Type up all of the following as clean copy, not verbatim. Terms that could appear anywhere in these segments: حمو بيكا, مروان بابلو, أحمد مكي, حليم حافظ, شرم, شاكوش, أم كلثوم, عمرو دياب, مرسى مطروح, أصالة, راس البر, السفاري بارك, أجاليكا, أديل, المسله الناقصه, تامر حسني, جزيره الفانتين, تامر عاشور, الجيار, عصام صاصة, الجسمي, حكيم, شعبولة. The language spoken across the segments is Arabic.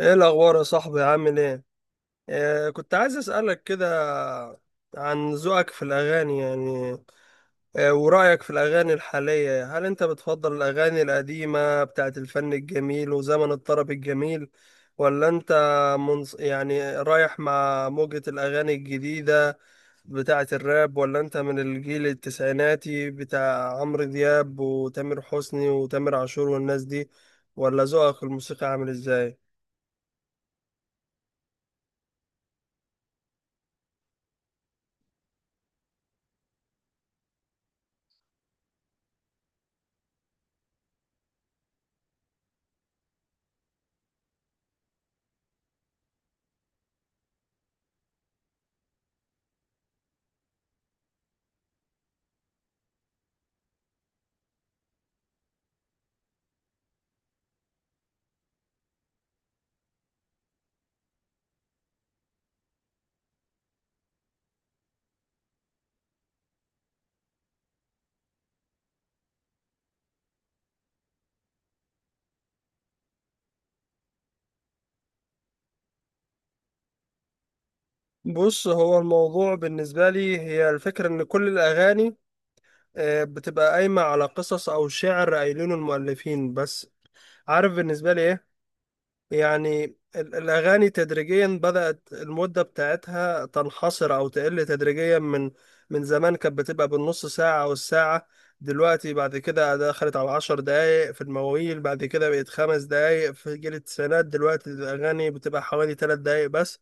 ايه الاخبار يا صاحبي؟ عامل ايه؟ كنت عايز اسالك كده عن ذوقك في الاغاني يعني. ورايك في الاغاني الحاليه، هل انت بتفضل الاغاني القديمه بتاعت الفن الجميل وزمن الطرب الجميل، ولا انت يعني رايح مع موجه الاغاني الجديده بتاعت الراب، ولا انت من الجيل التسعيناتي بتاع عمرو دياب وتامر حسني وتامر عاشور والناس دي، ولا ذوقك في الموسيقى عامل ازاي؟ بص، هو الموضوع بالنسبة لي هي الفكرة إن كل الأغاني بتبقى قايمة على قصص أو شعر قايلينه المؤلفين بس. عارف بالنسبة لي إيه؟ يعني الأغاني تدريجيا بدأت المدة بتاعتها تنحصر أو تقل تدريجيا من زمان كانت بتبقى بالنص ساعة أو الساعة. دلوقتي بعد كده دخلت على 10 دقايق في المواويل، بعد كده بقت 5 دقايق في جيل التسعينات، دلوقتي الأغاني بتبقى حوالي 3 دقايق بس.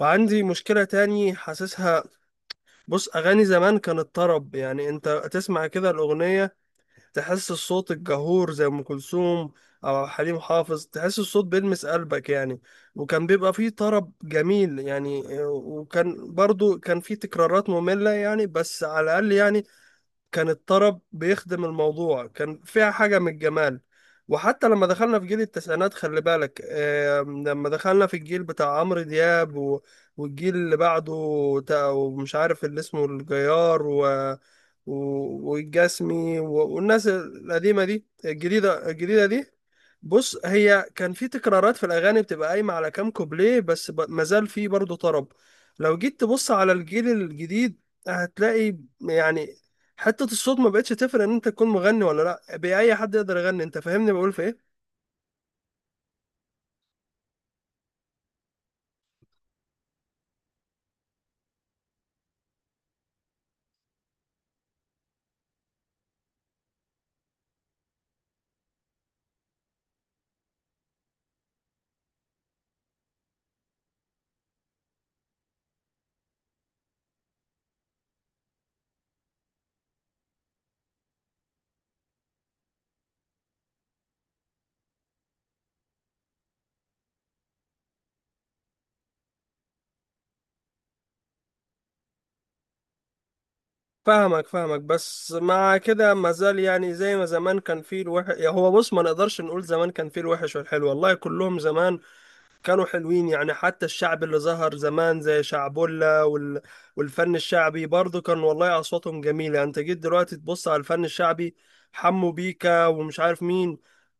وعندي مشكلة تاني حاسسها. بص، اغاني زمان كانت طرب، يعني انت تسمع كده الاغنيه تحس الصوت الجهور زي ام كلثوم او حليم حافظ، تحس الصوت بيلمس قلبك يعني. وكان بيبقى فيه طرب جميل يعني، وكان برضو فيه تكرارات ممله يعني، بس على الاقل يعني كان الطرب بيخدم الموضوع، كان فيها حاجة من الجمال. وحتى لما دخلنا في جيل التسعينات خلي بالك، لما دخلنا في الجيل بتاع عمرو دياب والجيل اللي بعده. ومش عارف اللي اسمه الجيار و... والجسمي والناس القديمة دي، الجديدة الجديدة دي. بص، هي كان في تكرارات في الاغاني بتبقى قايمه على كام كوبليه بس، مازال في برضه طرب. لو جيت تبص على الجيل الجديد هتلاقي يعني حته الصوت ما بقتش تفرق ان انت تكون مغني ولا لا، باي حد يقدر يغني. انت فاهمني بقول في ايه؟ فاهمك فاهمك، بس مع كده مازال يعني زي ما زمان كان فيه الوحش. هو بص، ما نقدرش نقول زمان كان فيه الوحش والحلو، والله كلهم زمان كانوا حلوين يعني. حتى الشعب اللي ظهر زمان زي شعبولة والفن الشعبي برضه كان، والله أصواتهم جميلة يعني. أنت جيت دلوقتي تبص على الفن الشعبي، حمو بيكا ومش عارف مين،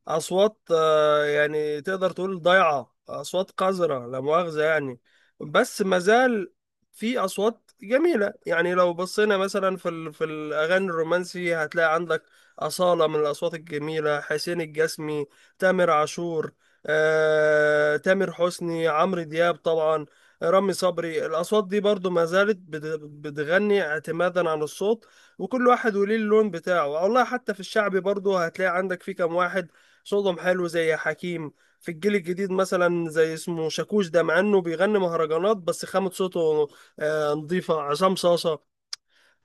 أصوات يعني تقدر تقول ضايعة، أصوات قذرة لا مؤاخذة يعني. بس مازال في أصوات جميلة يعني. لو بصينا مثلا في الأغاني الرومانسي هتلاقي عندك أصالة من الأصوات الجميلة، حسين الجسمي، تامر عاشور، تامر حسني، عمرو دياب طبعا، رامي صبري. الأصوات دي برضو ما زالت بتغني اعتمادا على الصوت، وكل واحد وليه اللون بتاعه. والله حتى في الشعبي برضو هتلاقي عندك في كام واحد صوتهم حلو زي حكيم. في الجيل الجديد مثلا زي اسمه شاكوش ده، مع انه بيغني مهرجانات بس خامة صوته نظيفة. عصام صاصة،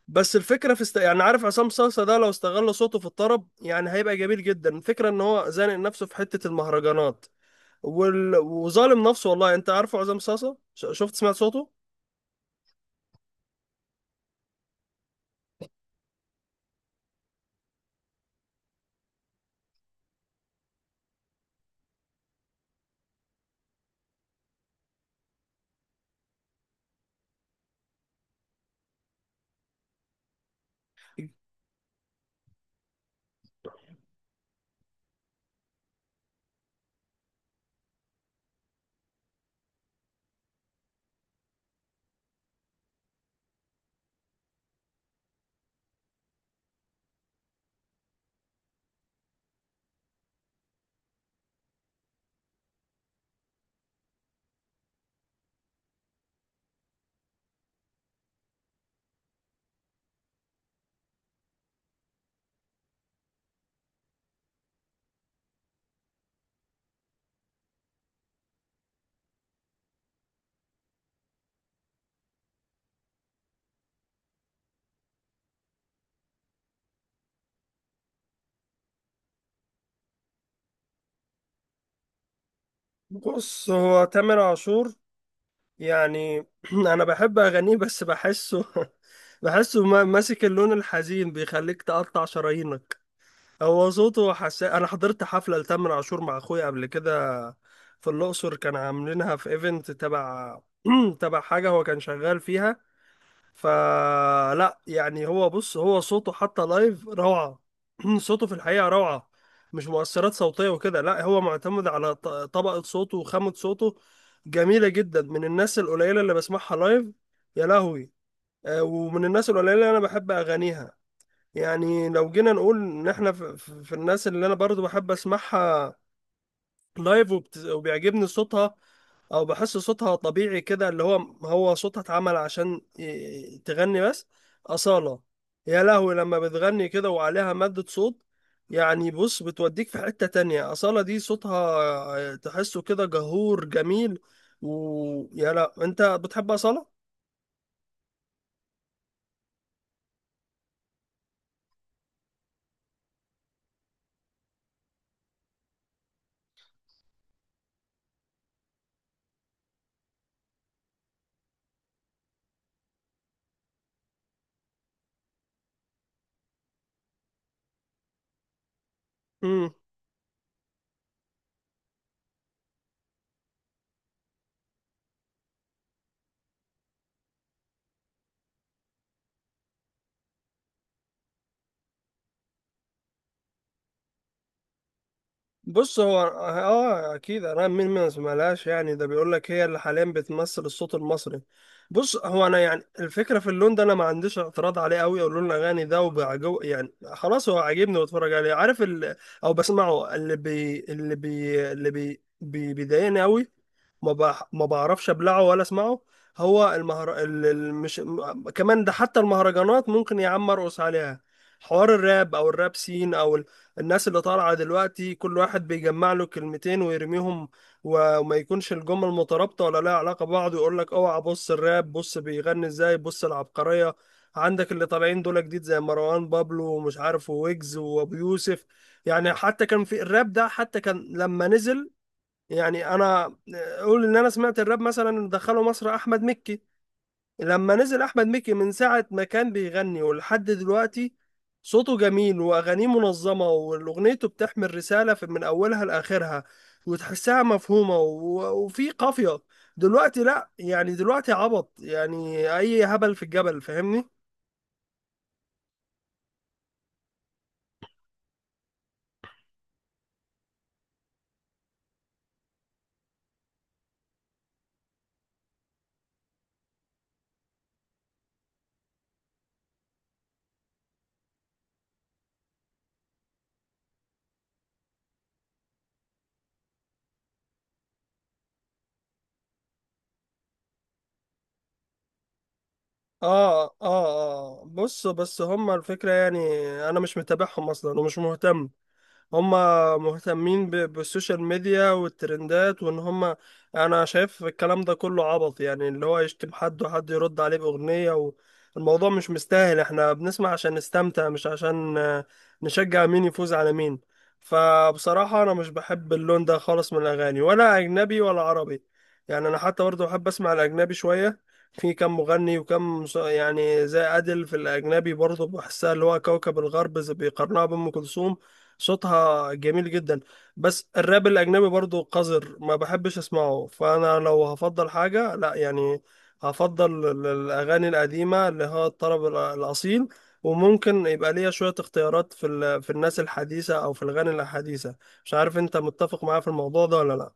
بس الفكرة يعني عارف عصام صاصة ده لو استغل صوته في الطرب يعني هيبقى جميل جدا. الفكرة ان هو زانق نفسه في حتة المهرجانات وظالم نفسه. والله انت عارفه عصام صاصا؟ شفت سمعت صوته؟ بص، هو تامر عاشور يعني انا بحب اغانيه بس بحسه، بحسه ماسك اللون الحزين بيخليك تقطع شرايينك. هو صوته حساس. انا حضرت حفلة لتامر عاشور مع اخويا قبل كده في الاقصر، كان عاملينها في ايفنت تبع تبع حاجة هو كان شغال فيها. فلا يعني، هو بص، هو صوته حتى لايف روعة. صوته في الحقيقة روعة، مش مؤثرات صوتية وكده، لا هو معتمد على طبقة صوته وخامة صوته جميلة جدا. من الناس القليلة اللي بسمعها لايف. يا لهوي. ومن الناس القليلة اللي أنا بحب أغانيها. يعني لو جينا نقول إن إحنا في الناس اللي أنا برضو بحب أسمعها لايف وبيعجبني صوتها، او بحس صوتها طبيعي كده، اللي هو هو صوتها اتعمل عشان تغني بس. أصالة، يا لهوي لما بتغني كده وعليها مادة صوت، يعني بص بتوديك في حتة تانية. أصالة دي صوتها تحسه كده جهور جميل. ويا لا، انت بتحب أصالة؟ بص، هو اه اكيد، انا مين ما سمعلهاش؟ يعني ده بيقول لك هي اللي حاليا بتمثل الصوت المصري. بص، هو انا يعني الفكره في اللون ده، انا ما عنديش اعتراض عليه قوي. او لون الاغاني ده وبعجو يعني خلاص، هو عاجبني واتفرج عليه، عارف او بسمعه، بيضايقني قوي، ما بعرفش ابلعه ولا اسمعه. هو المهر... ال... ال- مش م- كمان ده، حتى المهرجانات ممكن يا عم ارقص عليها. حوار الراب او الراب سين او، الناس اللي طالعة دلوقتي كل واحد بيجمع له كلمتين ويرميهم، وما يكونش الجمل مترابطة ولا لها علاقة ببعض، ويقول لك اوعى بص الراب، بص بيغني ازاي، بص العبقرية. عندك اللي طالعين دول جديد زي مروان بابلو ومش عارف، ويجز وابو يوسف. يعني حتى كان في الراب ده حتى كان لما نزل، يعني انا اقول ان انا سمعت الراب مثلا اللي دخله مصر احمد مكي. لما نزل احمد مكي من ساعه ما كان بيغني ولحد دلوقتي، صوته جميل واغانيه منظمه واغنيته بتحمل رساله من اولها لاخرها، وتحسها مفهومه وفي قافيه. دلوقتي لا، يعني دلوقتي عبط، يعني اي هبل في الجبل، فاهمني؟ اه اه اه، بص بس هما الفكره يعني، انا مش متابعهم اصلا ومش مهتم. هم مهتمين بالسوشيال ميديا والترندات وان هم، انا شايف الكلام ده كله عبط، يعني اللي هو يشتم حد وحد يرد عليه بأغنية، والموضوع مش مستاهل. احنا بنسمع عشان نستمتع، مش عشان نشجع مين يفوز على مين. فبصراحة انا مش بحب اللون ده خالص من الاغاني ولا اجنبي ولا عربي. يعني انا حتى برضه بحب اسمع الاجنبي شوية. في كم مغني يعني زي أديل في الأجنبي برضه، بحسها اللي هو كوكب الغرب، زي بيقارنها بأم كلثوم، صوتها جميل جدا. بس الراب الأجنبي برضو قذر ما بحبش أسمعه. فأنا لو هفضل حاجة، لا يعني هفضل الأغاني القديمة اللي هو الطرب الأصيل، وممكن يبقى ليا شوية اختيارات في الناس الحديثة أو في الأغاني الحديثة. مش عارف أنت متفق معايا في الموضوع ده ولا لا؟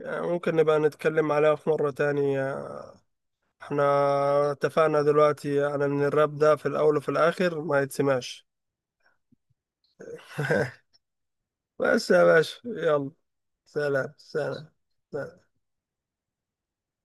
يعني ممكن نبقى نتكلم عليها في مرة تاني. احنا اتفقنا دلوقتي أنا من الراب ده، في الأول وفي الآخر ما يتسمعش. بس يا باشا، يلا سلام سلام. سلام.